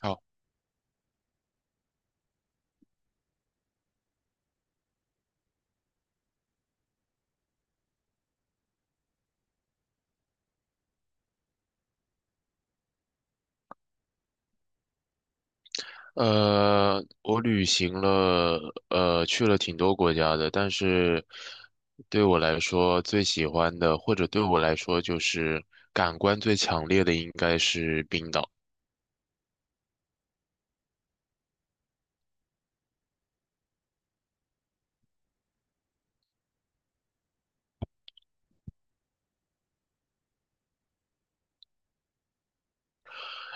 好，我旅行了，去了挺多国家的，但是对我来说最喜欢的，或者对我来说就是感官最强烈的，应该是冰岛。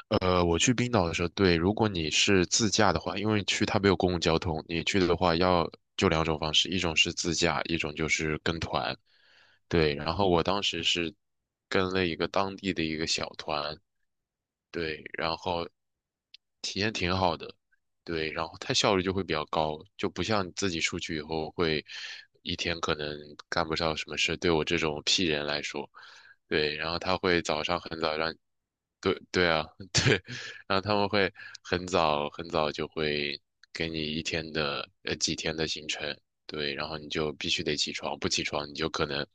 我去冰岛的时候，对，如果你是自驾的话，因为去它没有公共交通，你去的话要就两种方式，一种是自驾，一种就是跟团。对，然后我当时是跟了一个当地的一个小团，对，然后体验挺好的，对，然后它效率就会比较高，就不像你自己出去以后会一天可能干不上什么事，对我这种 P 人来说，对，然后他会早上很早让，对对啊，对，然后他们会很早很早就会给你一天的几天的行程。对，然后你就必须得起床，不起床你就可能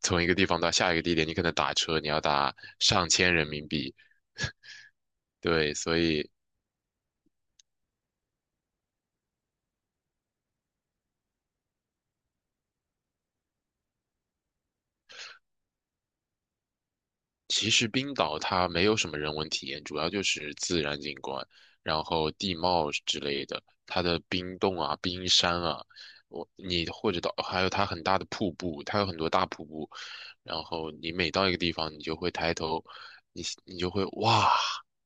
从一个地方到下一个地点，你可能打车你要打上千人民币，对，所以其实冰岛它没有什么人文体验，主要就是自然景观，然后地貌之类的，它的冰洞啊、冰山啊，我你或者到还有它很大的瀑布，它有很多大瀑布，然后你每到一个地方，你就会抬头，你就会哇，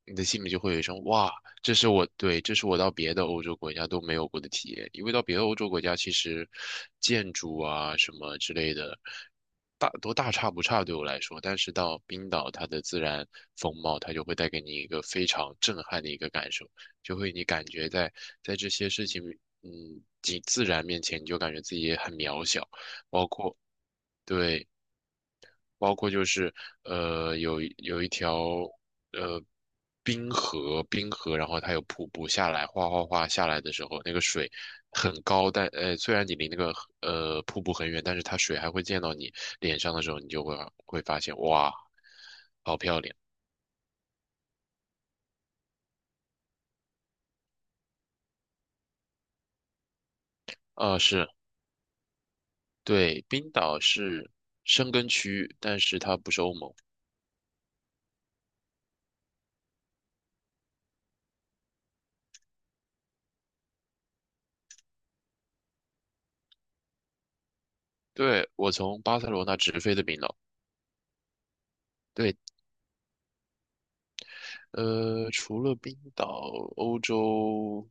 你的心里就会有一声哇，这是我到别的欧洲国家都没有过的体验，因为到别的欧洲国家，其实建筑啊什么之类的，大都大差不差对我来说，但是到冰岛，它的自然风貌，它就会带给你一个非常震撼的一个感受，就会你感觉在在这些事情，嗯，及自然面前，你就感觉自己也很渺小，对。包括就是有一条呃冰河，冰河，然后它有瀑布下来，哗哗哗下来的时候，那个水很高，但虽然你离那个瀑布很远，但是它水还会溅到你脸上的时候，你就会会发现哇，好漂亮啊，是。对，冰岛是申根区，但是它不是欧盟。对，我从巴塞罗那直飞的冰岛。对，除了冰岛，欧洲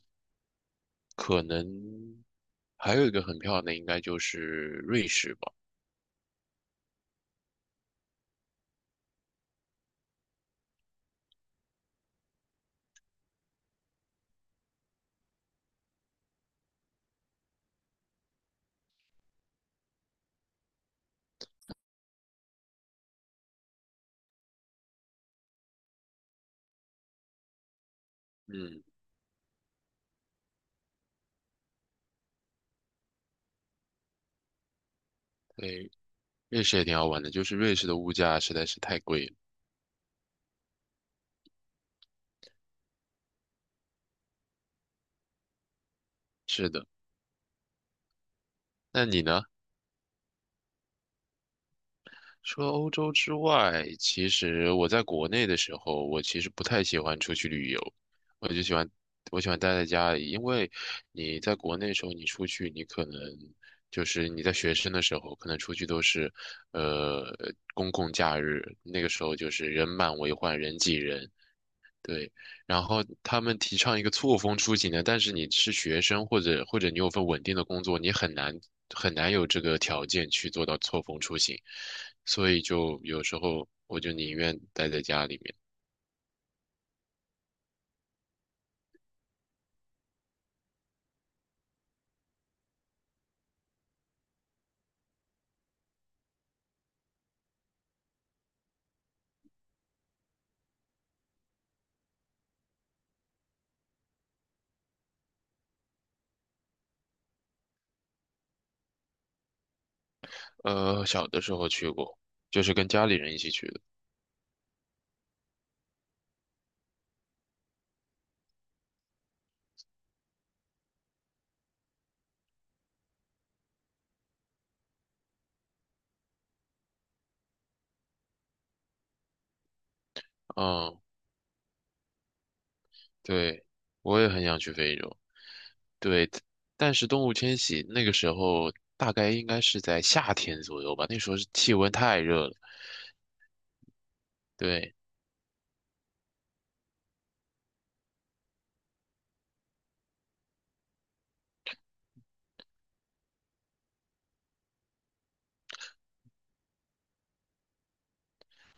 可能还有一个很漂亮的，应该就是瑞士吧。嗯，对，瑞士也挺好玩的，就是瑞士的物价实在是太贵了。是的，那你呢？除了欧洲之外，其实我在国内的时候，我其实不太喜欢出去旅游，我就喜欢我喜欢待在家里，因为你在国内的时候，你出去，你可能就是你在学生的时候，可能出去都是呃公共假日，那个时候就是人满为患，人挤人，对，然后他们提倡一个错峰出行的，但是你是学生或者你有份稳定的工作，你很难很难有这个条件去做到错峰出行，所以就有时候我就宁愿待在家里面。小的时候去过，就是跟家里人一起去的。嗯，对，我也很想去非洲。对，但是动物迁徙那个时候大概应该是在夏天左右吧，那时候是气温太热了。对，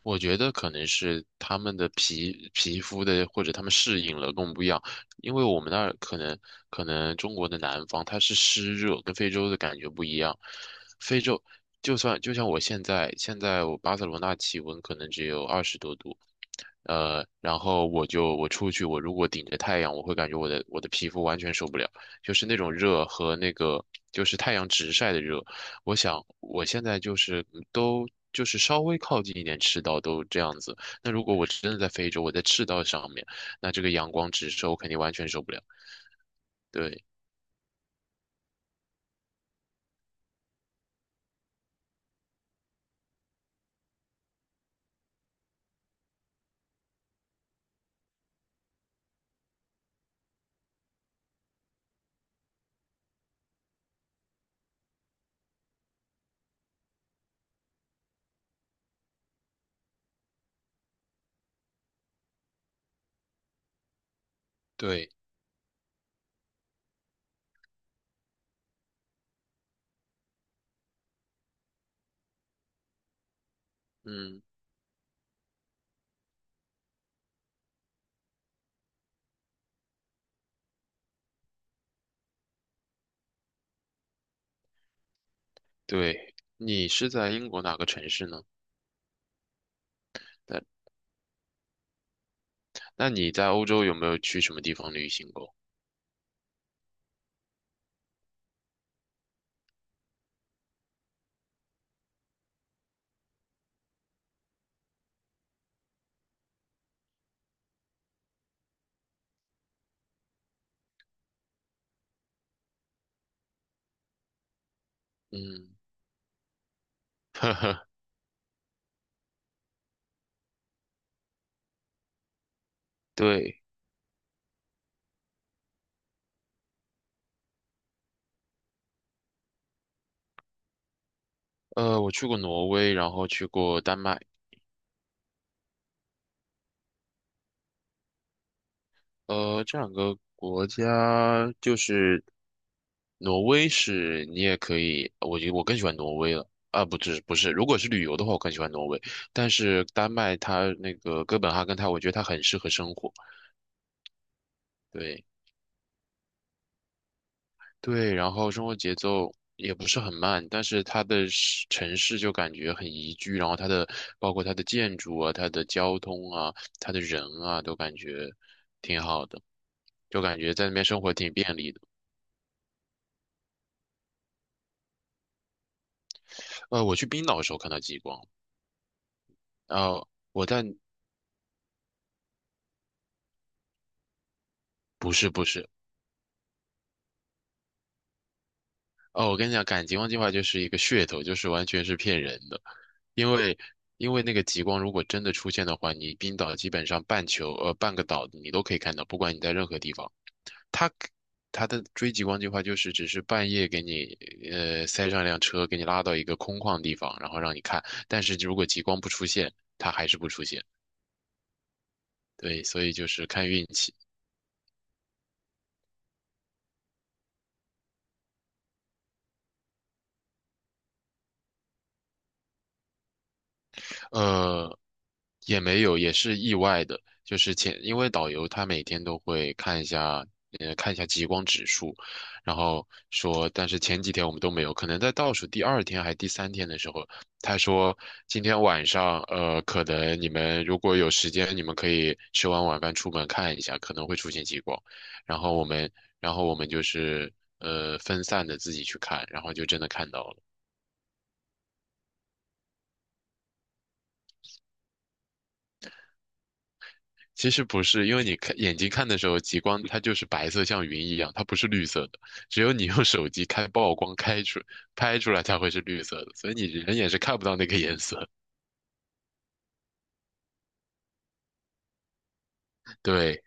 我觉得可能是他们的皮肤的，或者他们适应了跟我们不一样，因为我们那儿可能中国的南方它是湿热，跟非洲的感觉不一样。非洲就像我现在我巴塞罗那气温可能只有二十多度，然后我出去，我如果顶着太阳，我会感觉我的皮肤完全受不了，就是那种热和那个就是太阳直晒的热。我想我现在就是都就是稍微靠近一点赤道都这样子，那如果我真的在非洲，我在赤道上面，那这个阳光直射我肯定完全受不了。对对，嗯对，你是在英国哪个城市呢？那那你在欧洲有没有去什么地方旅行过？嗯，呵呵，对。我去过挪威，然后去过丹麦。这两个国家就是挪威是你也可以，我觉我更喜欢挪威了。啊，不是，如果是旅游的话，我更喜欢挪威。但是丹麦它那个哥本哈根它，我觉得它很适合生活。对。对，然后生活节奏也不是很慢，但是它的城市就感觉很宜居，然后它的包括它的建筑啊、它的交通啊、它的人啊，都感觉挺好的，就感觉在那边生活挺便利的。我去冰岛的时候看到极光，呃，我在不是，哦，我跟你讲，赶极光计划就是一个噱头，就是完全是骗人的，因为因为那个极光如果真的出现的话，你冰岛基本上半个岛你都可以看到，不管你在任何地方。他他的追极光计划就是只是半夜给你塞上一辆车，给你拉到一个空旷地方，然后让你看。但是如果极光不出现，它还是不出现。对，所以就是看运气。呃，也没有，也是意外的。就是前，因为导游他每天都会看一下，看一下极光指数，然后说，但是前几天我们都没有，可能在倒数第二天还第三天的时候，他说今天晚上，可能你们如果有时间，你们可以吃完晚饭出门看一下，可能会出现极光。然后我们，然后我们就是，分散的自己去看，然后就真的看到了。其实不是，因为你看眼睛看的时候，极光它就是白色，像云一样，它不是绿色的。只有你用手机开曝光拍出来，才会是绿色的，所以你人眼是看不到那个颜色。对，